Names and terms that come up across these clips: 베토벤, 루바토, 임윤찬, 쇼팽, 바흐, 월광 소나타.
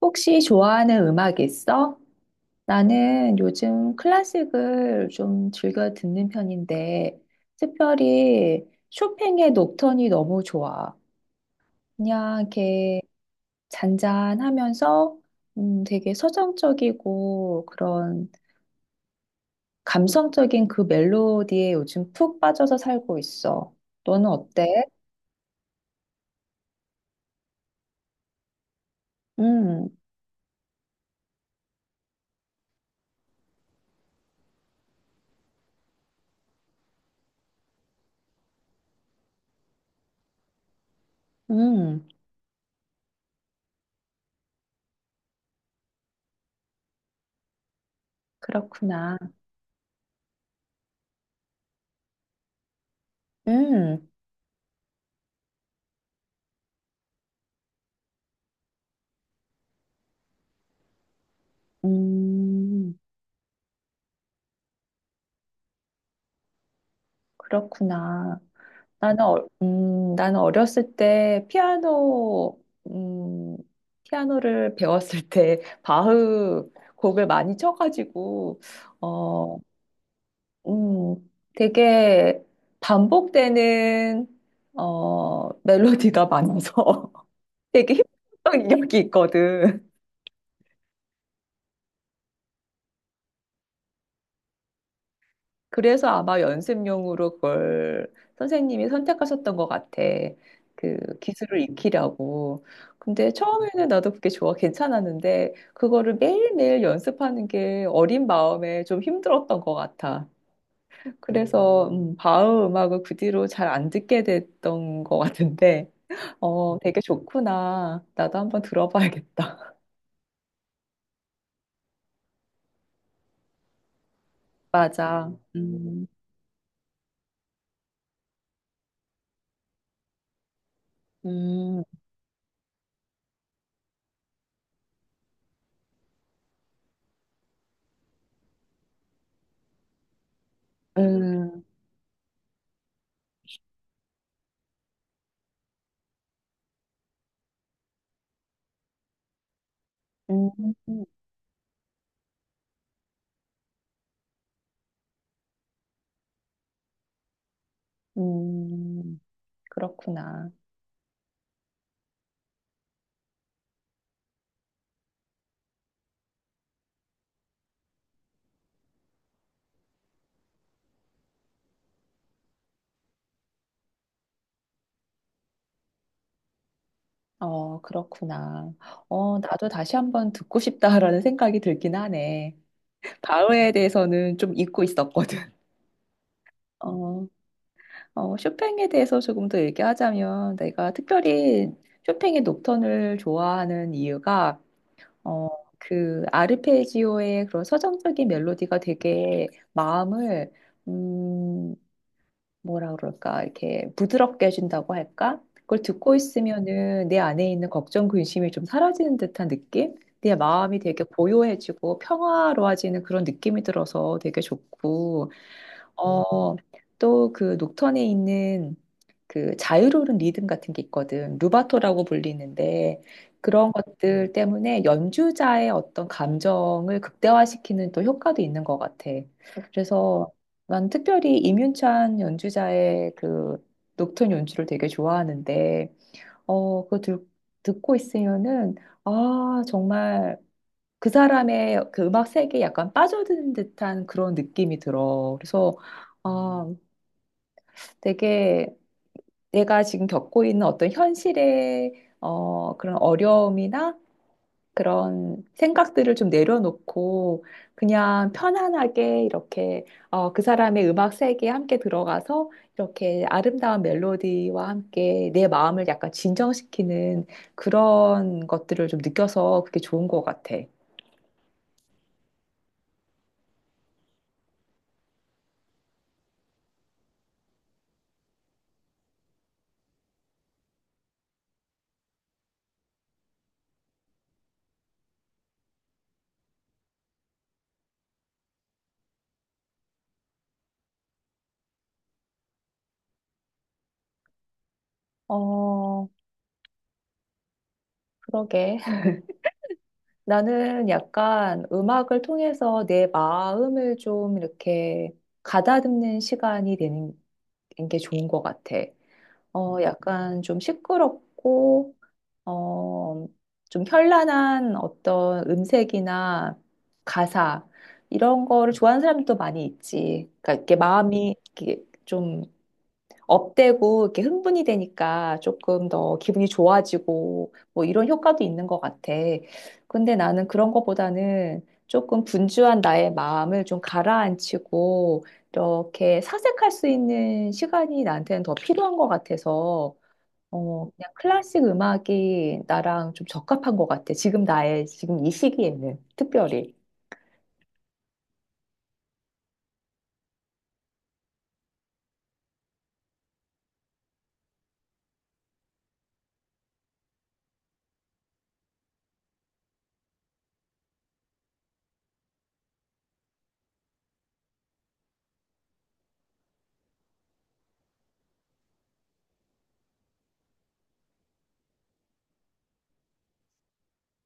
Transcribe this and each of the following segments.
혹시 좋아하는 음악 있어? 나는 요즘 클래식을 좀 즐겨 듣는 편인데, 특별히 쇼팽의 녹턴이 너무 좋아. 그냥 이렇게 잔잔하면서 되게 서정적이고 그런 감성적인 그 멜로디에 요즘 푹 빠져서 살고 있어. 너는 어때? 음, 음, 그렇구나. 음, 음, 그렇구나. 나는, 나는 어렸을 때 피아노, 음, 피아노를 배웠을 때 바흐 곡을 많이 쳐가지고, 어, 음, 되게 반복되는, 멜로디가 많아서 되게 힘든었이 있거든. 그래서 아마 연습용으로 그걸 선생님이 선택하셨던 것 같아. 그 기술을 익히려고. 근데 처음에는 나도 그게 좋아, 괜찮았는데, 그거를 매일매일 연습하는 게 어린 마음에 좀 힘들었던 것 같아. 그래서, 바흐 음악을 그 뒤로 잘 안 듣게 됐던 것 같은데, 되게 좋구나. 나도 한번 들어봐야겠다. 맞아. 음. 음. 음. 음. 음. 그렇구나. 그렇구나. 나도 다시 한번 듣고 싶다라는 생각이 들긴 하네. 바흐에 대해서는 좀 잊고 있었거든. 어, 쇼팽에 대해서 조금 더 얘기하자면 내가 특별히 쇼팽의 녹턴을 좋아하는 이유가 어, 그 아르페지오의 그런 서정적인 멜로디가 되게 마음을 음, 뭐라 그럴까, 이렇게 부드럽게 해준다고 할까? 그걸 듣고 있으면은 내 안에 있는 걱정, 근심이 좀 사라지는 듯한 느낌? 내 마음이 되게 고요해지고 평화로워지는 그런 느낌이 들어서 되게 좋고, 어, 또 그 녹턴에 있는 그 자유로운 리듬 같은 게 있거든. 루바토라고 불리는데 그런 것들 때문에 연주자의 어떤 감정을 극대화시키는 또 효과도 있는 것 같아. 그래서 난 특별히 임윤찬 연주자의 그 녹턴 연주를 되게 좋아하는데 어, 그거 들, 듣고 있으면은 아, 정말 그 사람의 그 음악 세계에 약간 빠져드는 듯한 그런 느낌이 들어. 그래서 아, 되게 내가 지금 겪고 있는 어떤 현실의 그런 어려움이나 그런 생각들을 좀 내려놓고 그냥 편안하게 이렇게 그 사람의 음악 세계에 함께 들어가서 이렇게 아름다운 멜로디와 함께 내 마음을 약간 진정시키는 그런 것들을 좀 느껴서 그게 좋은 것 같아. 어, 그러게. 나는 약간 음악을 통해서 내 마음을 좀 이렇게 가다듬는 시간이 되는 게 좋은 것 같아. 어, 약간 좀 시끄럽고, 어, 좀 현란한 어떤 음색이나 가사, 이런 거를 좋아하는 사람도 많이 있지. 그러니까 이렇게 마음이 이렇게 좀 업되고 이렇게 흥분이 되니까 조금 더 기분이 좋아지고 뭐 이런 효과도 있는 것 같아. 근데 나는 그런 것보다는 조금 분주한 나의 마음을 좀 가라앉히고 이렇게 사색할 수 있는 시간이 나한테는 더 필요한 것 같아서 그냥 클래식 음악이 나랑 좀 적합한 것 같아. 지금 나의 지금 이 시기에는 특별히.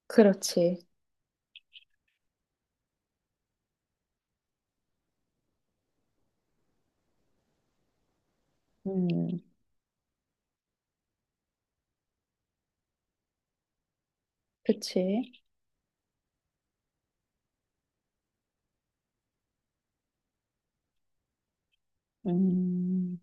그렇지. 음, 그치. 음,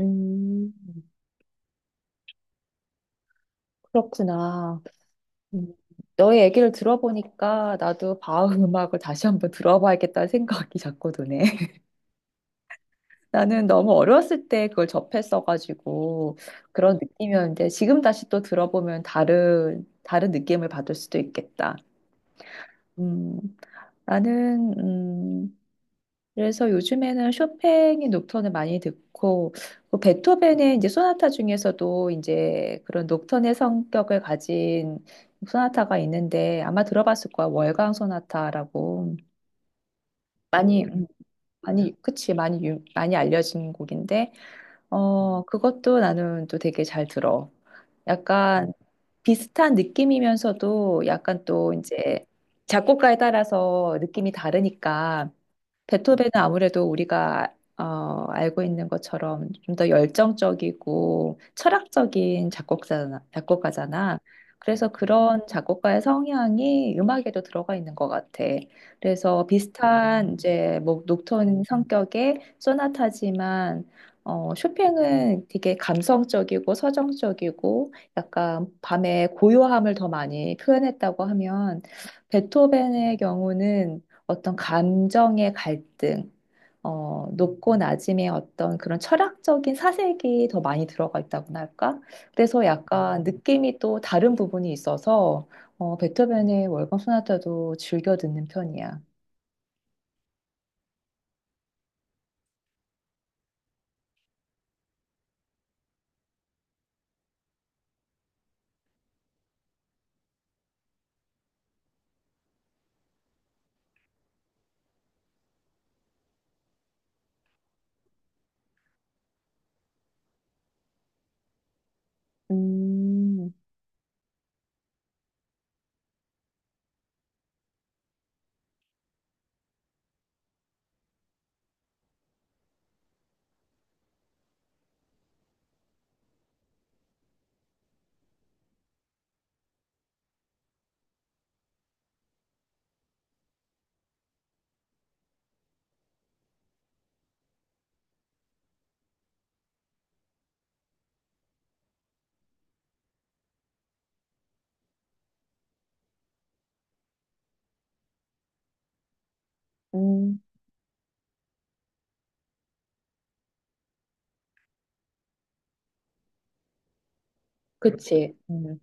음, 그렇구나. 음, 너의 얘기를 들어보니까 나도 바흐 음악을 다시 한번 들어봐야겠다는 생각이 자꾸 드네. 나는 너무 어렸을 때 그걸 접했어가지고 그런 느낌이었는데 지금 다시 또 들어보면 다른 느낌을 받을 수도 있겠다. 음, 나는, 그래서 요즘에는 쇼팽의 녹턴을 많이 듣고 그 베토벤의 이제 소나타 중에서도 이제 그런 녹턴의 성격을 가진 소나타가 있는데 아마 들어봤을 거야. 월광 소나타라고 많이 음, 많이 그치 많이 알려진 곡인데 그것도 나는 또 되게 잘 들어. 약간 비슷한 느낌이면서도 약간 또 이제 작곡가에 따라서 느낌이 다르니까 베토벤은 아무래도 우리가 알고 있는 것처럼 좀 더 열정적이고 철학적인 작곡가잖아. 그래서 그런 작곡가의 성향이 음악에도 들어가 있는 것 같아. 그래서 비슷한 이제 뭐 녹톤 성격의 소나타지만 쇼팽은 되게 감성적이고 서정적이고 약간 밤의 고요함을 더 많이 표현했다고 하면 베토벤의 경우는 어떤 감정의 갈등, 높고 낮음의 어떤 그런 철학적인 사색이 더 많이 들어가 있다고나 할까? 그래서 약간 느낌이 또 다른 부분이 있어서 베토벤의 월광 소나타도 즐겨 듣는 편이야. 음, 음, 그치. 음.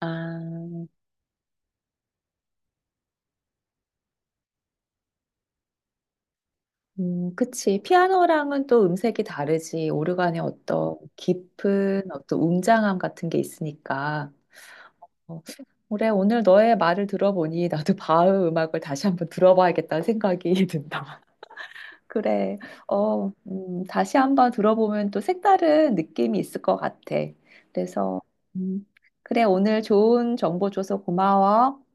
아. 그치. 피아노랑은 또 음색이 다르지. 오르간의 어떤 깊은 어떤 웅장함 같은 게 있으니까. 어, 그래, 오늘 너의 말을 들어보니 나도 바흐 음악을 다시 한번 들어봐야겠다는 생각이 든다. 그래. 다시 한번 들어보면 또 색다른 느낌이 있을 것 같아. 그래서, 음, 그래, 오늘 좋은 정보 줘서 고마워.